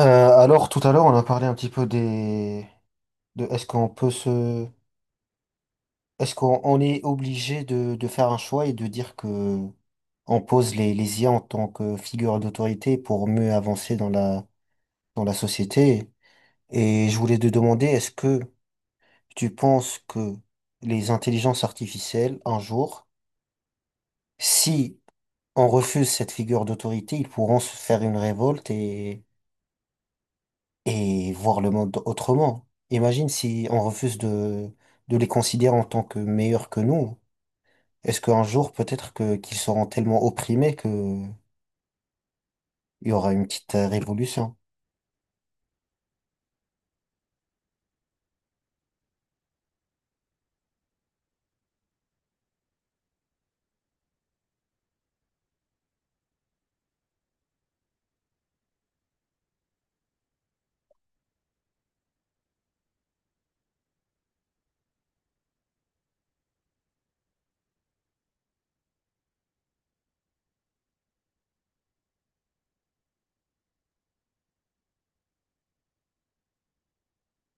Euh, alors, tout à l'heure, on a parlé un petit peu de Est-ce qu'on on est obligé de faire un choix et de dire que on pose les IA en tant que figure d'autorité pour mieux avancer dans la société? Et je voulais te demander, est-ce que tu penses que les intelligences artificielles, un jour, si on refuse cette figure d'autorité, ils pourront se faire une révolte et voir le monde autrement. Imagine si on refuse de les considérer en tant que meilleurs que nous. Est-ce qu'un jour, peut-être que qu'ils seront tellement opprimés que il y aura une petite révolution?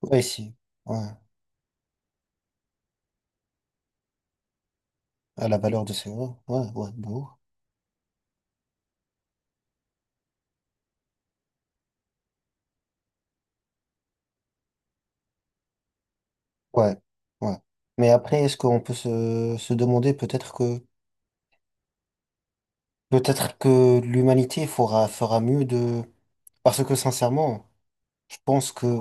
Ouais, si. Ouais. À la valeur de ces mots. Ouais, ouais, de ouf. Ouais, ouais. Mais après, est-ce qu'on peut se demander peut-être que l'humanité fera mieux de parce que sincèrement, je pense que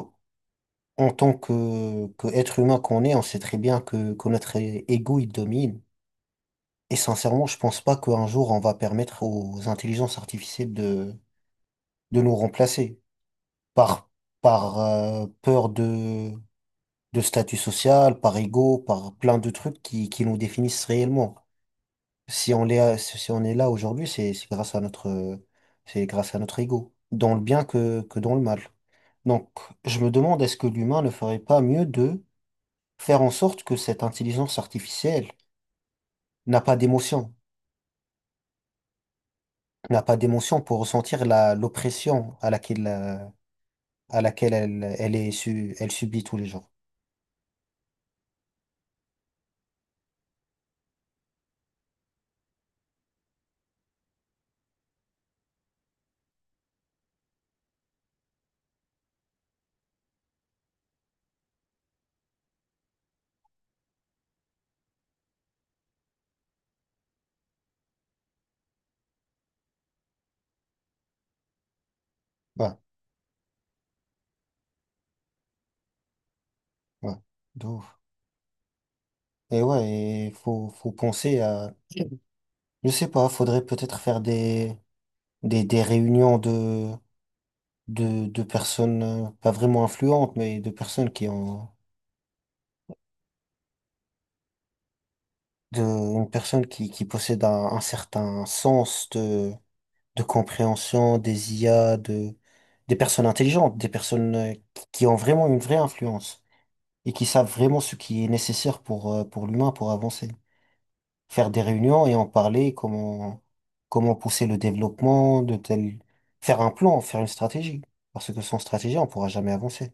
en tant que être humain qu'on est, on sait très bien que notre ego, il domine. Et sincèrement, je pense pas qu'un jour, on va permettre aux intelligences artificielles de nous remplacer par, par peur de statut social, par ego, par plein de trucs qui nous définissent réellement. Si on est, si on est là aujourd'hui, c'est grâce à notre, c'est grâce à notre ego, dans le bien que dans le mal. Donc, je me demande, est-ce que l'humain ne ferait pas mieux faire en sorte que cette intelligence artificielle n'a pas d'émotion, n'a pas d'émotion pour ressentir l'oppression à laquelle à laquelle elle est elle subit tous les jours. Ouais, ouais, de ouf. Et ouais, il faut penser à, je sais pas, faudrait peut-être faire des réunions de personnes, pas vraiment influentes, mais de personnes qui ont, de, une personne qui possède un certain sens de compréhension des IA, de, des personnes intelligentes, des personnes qui ont vraiment une vraie influence et qui savent vraiment ce qui est nécessaire pour l'humain pour avancer. Faire des réunions et en parler, comment, comment pousser le développement de tel, faire un plan, faire une stratégie. Parce que sans stratégie, on pourra jamais avancer.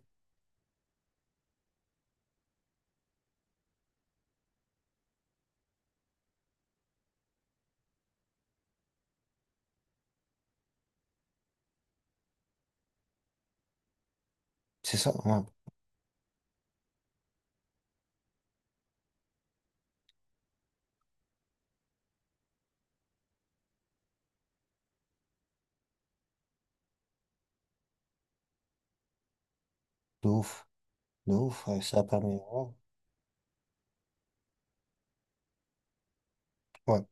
C'est ça, ouais. De ouf, de ouf, ouais, ça a permis, ouais, ouais.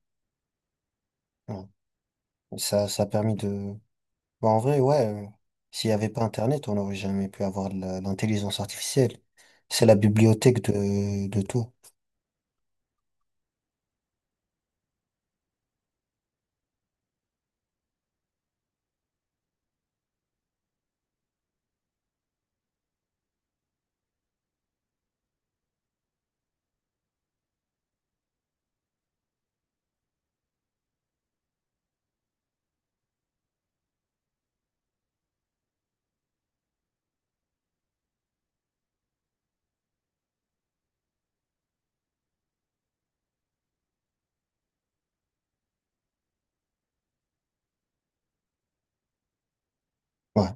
Ouais. Ça a permis de, bah, en vrai, ouais, s'il n'y avait pas Internet, on n'aurait jamais pu avoir l'intelligence artificielle. C'est la bibliothèque de tout. Ouais,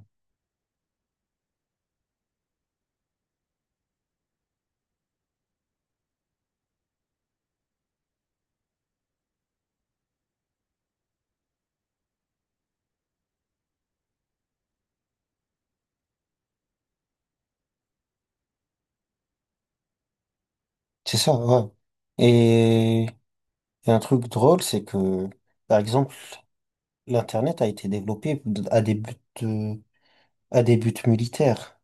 c'est ça, ouais. Et, et un truc drôle, c'est que, par exemple, l'Internet a été développé euh, à des buts militaires.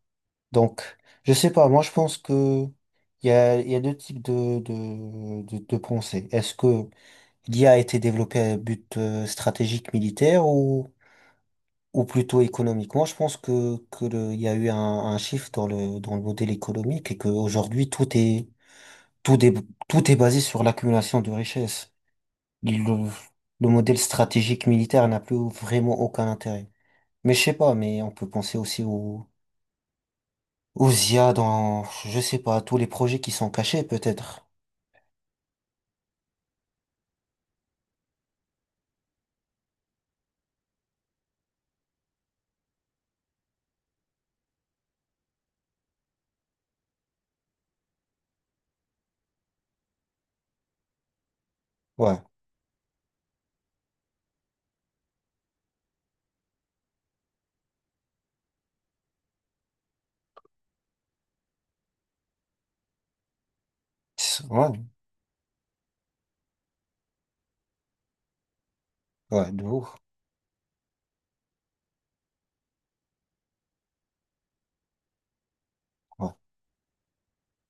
Donc, je sais pas, moi je pense que il y a deux types de pensée. Est-ce que l'IA a été développée à but stratégique militaire ou plutôt économique? Moi je pense que le, il y a eu un shift dans le modèle économique et qu'aujourd'hui tout est, tout est basé sur l'accumulation de richesses. Le, le modèle stratégique militaire n'a plus vraiment aucun intérêt. Mais je sais pas, mais on peut penser aussi au Ou Zia dans, je sais pas, tous les projets qui sont cachés, peut-être. Ouais. C'est- ouais, ouais, de ouf. Ouais.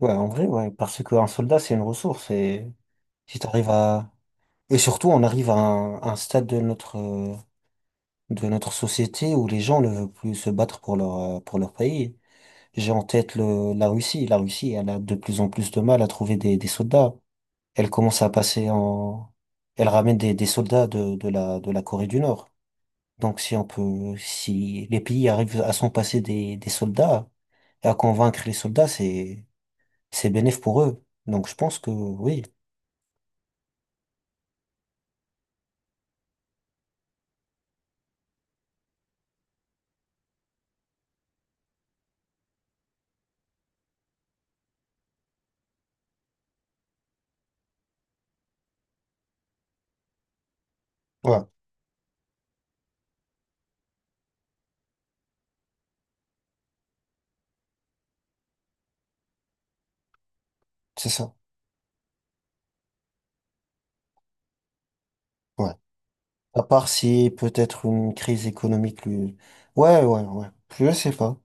Ouais, en vrai, ouais, parce qu'un soldat, c'est une ressource et si t'arrives à, et surtout, on arrive à un stade de notre société où les gens ne veulent plus se battre pour leur pays. J'ai en tête le, la Russie. La Russie, elle a de plus en plus de mal à trouver des soldats. Elle commence à passer en, elle ramène des soldats de la Corée du Nord. Donc si on peut, si les pays arrivent à s'en passer des soldats et à convaincre les soldats, c'est bénéf pour eux. Donc je pense que oui. Ouais, c'est ça. Ouais. À part si peut-être une crise économique lui... Ouais, ouais, ouais. Je sais pas.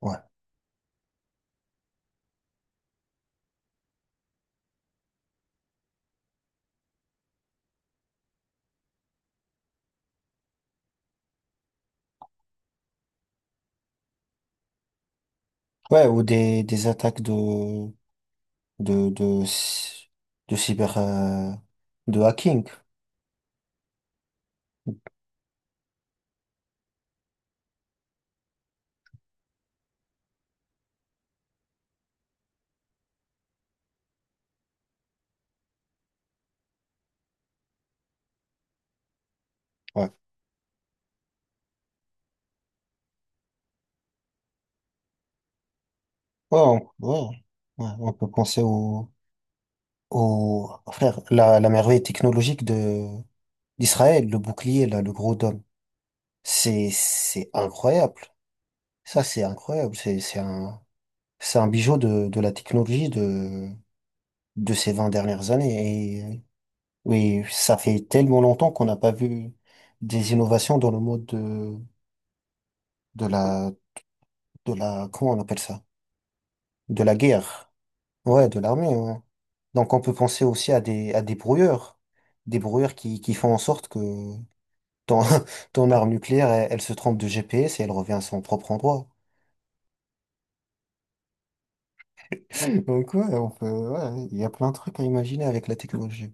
Ouais. Ouais, ou des attaques de, de, cy- de cyber, de hacking. Ouais. Ouais, on, ouais, ouais, on peut penser au, au, frère, la merveille technologique de, d'Israël, le bouclier, là, le gros dôme. C'est incroyable. Ça, c'est incroyable. C'est un bijou de la technologie de ces 20 dernières années. Et oui, ça fait tellement longtemps qu'on n'a pas vu des innovations dans le mode de la, de la, comment on appelle ça? De la guerre. Ouais, de l'armée, ouais. Donc on peut penser aussi à des brouilleurs qui font en sorte que ton, ton arme nucléaire, elle se trompe de GPS et elle revient à son propre endroit. Donc ouais, on peut, ouais, il y a plein de trucs à imaginer avec la technologie.